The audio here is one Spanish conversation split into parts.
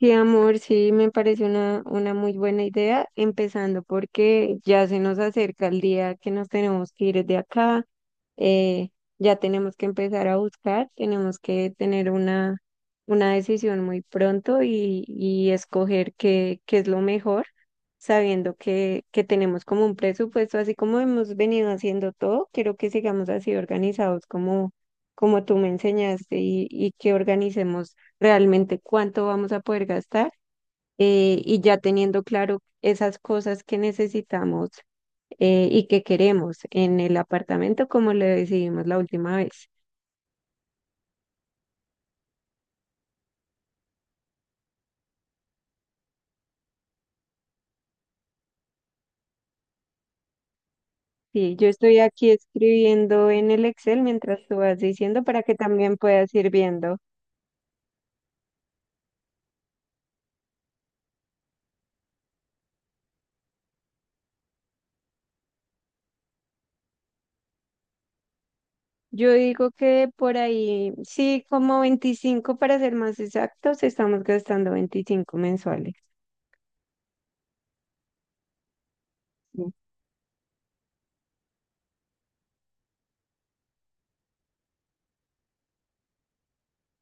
Sí, amor, sí, me parece una muy buena idea, empezando porque ya se nos acerca el día que nos tenemos que ir de acá. eh, ya tenemos que empezar a buscar, tenemos que tener una decisión muy pronto, y escoger qué es lo mejor, sabiendo que tenemos como un presupuesto, así como hemos venido haciendo todo. Quiero que sigamos así organizados, como, como tú me enseñaste, y que organicemos realmente cuánto vamos a poder gastar. Y ya teniendo claro esas cosas que necesitamos y que queremos en el apartamento, como lo decidimos la última vez. Sí, yo estoy aquí escribiendo en el Excel mientras tú vas diciendo para que también puedas ir viendo. Yo digo que por ahí, sí, como 25 para ser más exactos, estamos gastando 25 mensuales. Sí.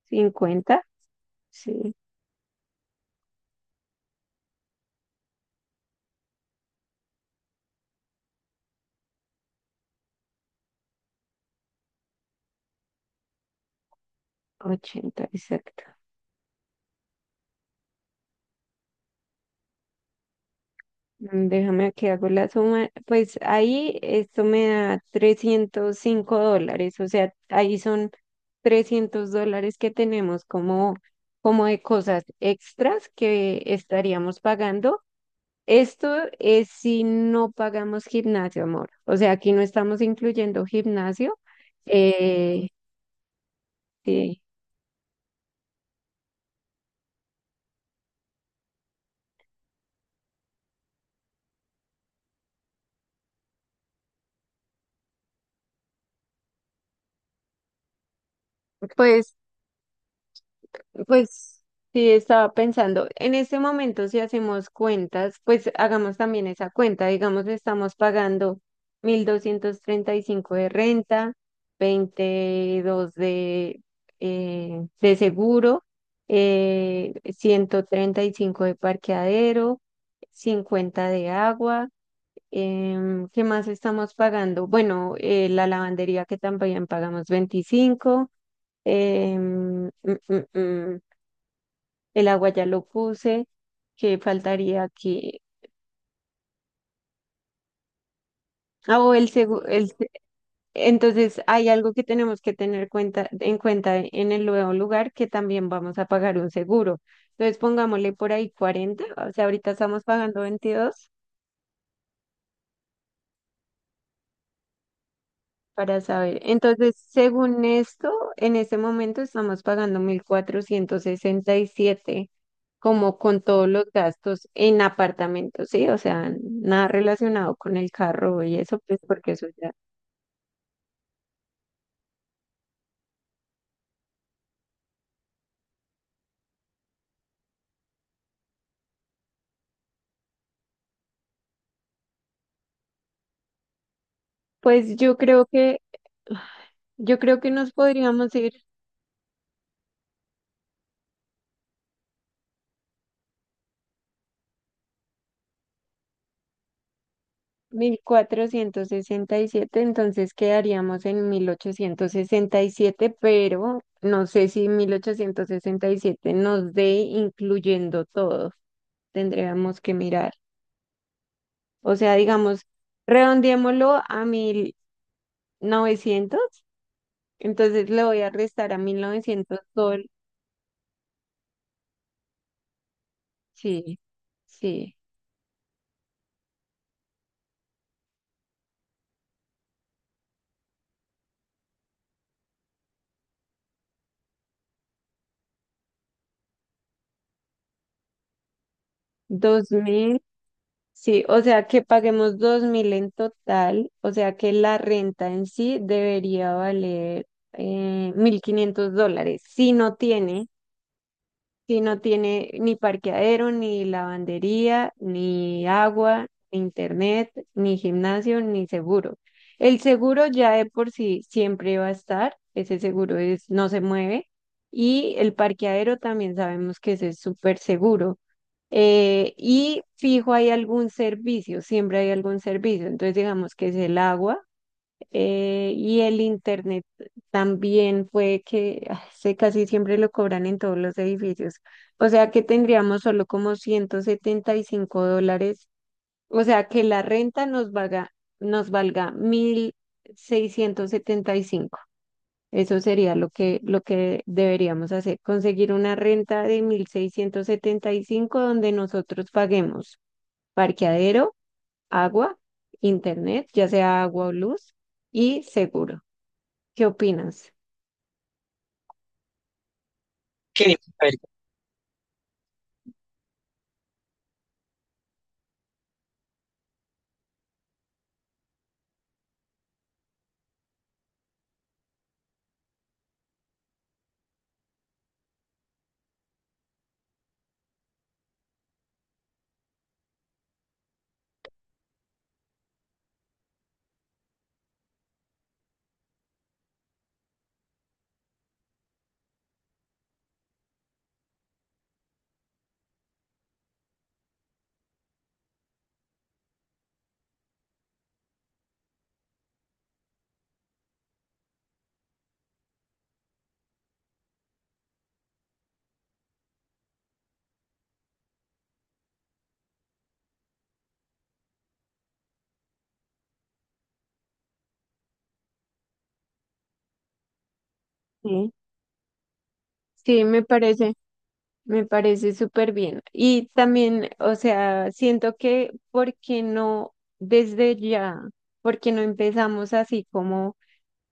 50, sí, 80 exacto. Déjame que hago la suma. Pues ahí esto me da $305, o sea, ahí son $300 que tenemos como, como de cosas extras que estaríamos pagando. Esto es si no pagamos gimnasio, amor. O sea, aquí no estamos incluyendo gimnasio. Eh, sí. Pues Pues sí, estaba pensando, en este momento si hacemos cuentas, pues hagamos también esa cuenta, digamos, estamos pagando 1,235 de renta, 22 de seguro, 135 de parqueadero, 50 de agua, ¿qué más estamos pagando? Bueno, la lavandería que también pagamos 25. Eh, el agua ya lo puse, que faltaría que... Ah, o el segu- el se- Entonces hay algo que tenemos que tener cuenta, en cuenta en el nuevo lugar que también vamos a pagar un seguro. Entonces pongámosle por ahí 40, o sea, ahorita estamos pagando 22 para saber. Entonces, según esto, en este momento estamos pagando 1,467 como con todos los gastos en apartamentos, ¿sí? O sea, nada relacionado con el carro y eso, pues porque eso Pues yo creo que nos podríamos ir 1,467, entonces quedaríamos en 1,867, pero no sé si 1,867 nos dé incluyendo todo. Tendríamos que mirar. O sea, digamos, redondeémoslo a 1,900, entonces le voy a restar a 1,900 sol. Sí, sí. Sí, o sea que paguemos 2,000 en total, o sea que la renta en sí debería valer $1,500. Si no tiene, si no tiene ni parqueadero, ni lavandería, ni agua, ni internet, ni gimnasio, ni seguro. El seguro ya de por sí siempre va a estar, ese seguro es, no se mueve, y el parqueadero también sabemos que ese es súper seguro. Y fijo hay algún servicio, siempre hay algún servicio. Entonces digamos que es el agua y el internet también fue que ese casi siempre lo cobran en todos los edificios. O sea que tendríamos solo como 175 dólares. O sea que la renta nos valga 1,675, eso sería lo que deberíamos hacer, conseguir una renta de 1,675 donde nosotros paguemos parqueadero, agua, internet, ya sea agua o luz, y seguro. ¿Qué opinas? Qué nivel. Sí, sí, me parece súper bien. Y también, o sea, siento que, ¿por qué no desde ya? ¿Por qué no empezamos así como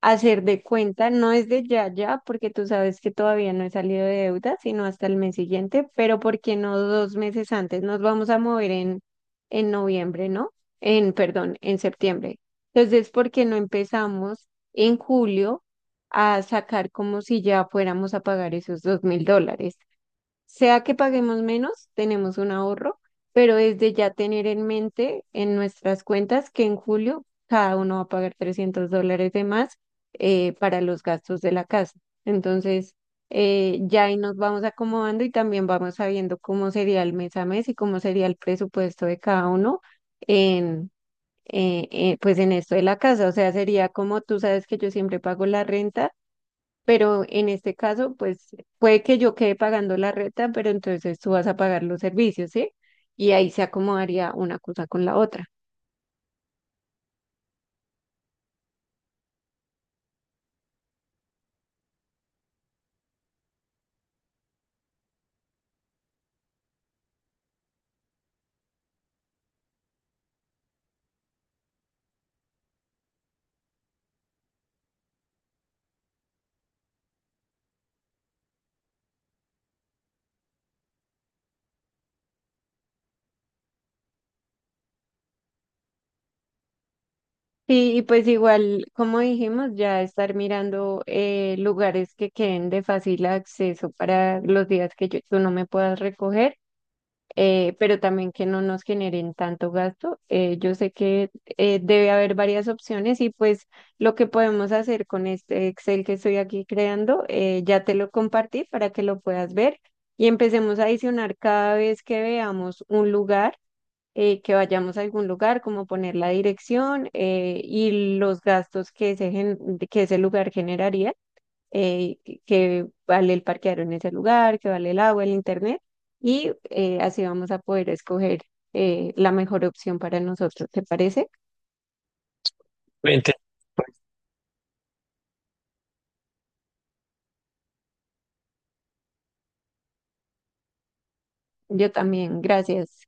hacer de cuenta, no es de ya, ya, porque tú sabes que todavía no he salido de deuda, sino hasta el mes siguiente, pero ¿por qué no dos meses antes? Nos vamos a mover en, noviembre, ¿no? En, perdón, en septiembre. Entonces, ¿por qué no empezamos en julio a sacar como si ya fuéramos a pagar esos $2,000? Sea que paguemos menos, tenemos un ahorro, pero es de ya tener en mente en nuestras cuentas que en julio cada uno va a pagar $300 de más para los gastos de la casa. Entonces, ya ahí nos vamos acomodando y también vamos sabiendo cómo sería el mes a mes y cómo sería el presupuesto de cada uno en, pues en esto de la casa. O sea, sería como tú sabes que yo siempre pago la renta, pero en este caso, pues puede que yo quede pagando la renta, pero entonces tú vas a pagar los servicios, ¿sí? Y ahí se acomodaría una cosa con la otra. Y pues igual, como dijimos, ya estar mirando lugares que queden de fácil acceso para los días que yo, tú no me puedas recoger, pero también que no nos generen tanto gasto. Yo sé que debe haber varias opciones, y pues lo que podemos hacer con este Excel que estoy aquí creando, ya te lo compartí para que lo puedas ver y empecemos a adicionar cada vez que veamos un lugar. Que vayamos a algún lugar, como poner la dirección, y los gastos que ese, que ese lugar generaría, que vale el parquear en ese lugar, que vale el agua, el internet, y así vamos a poder escoger la mejor opción para nosotros, ¿te parece? Ente- Yo también, gracias.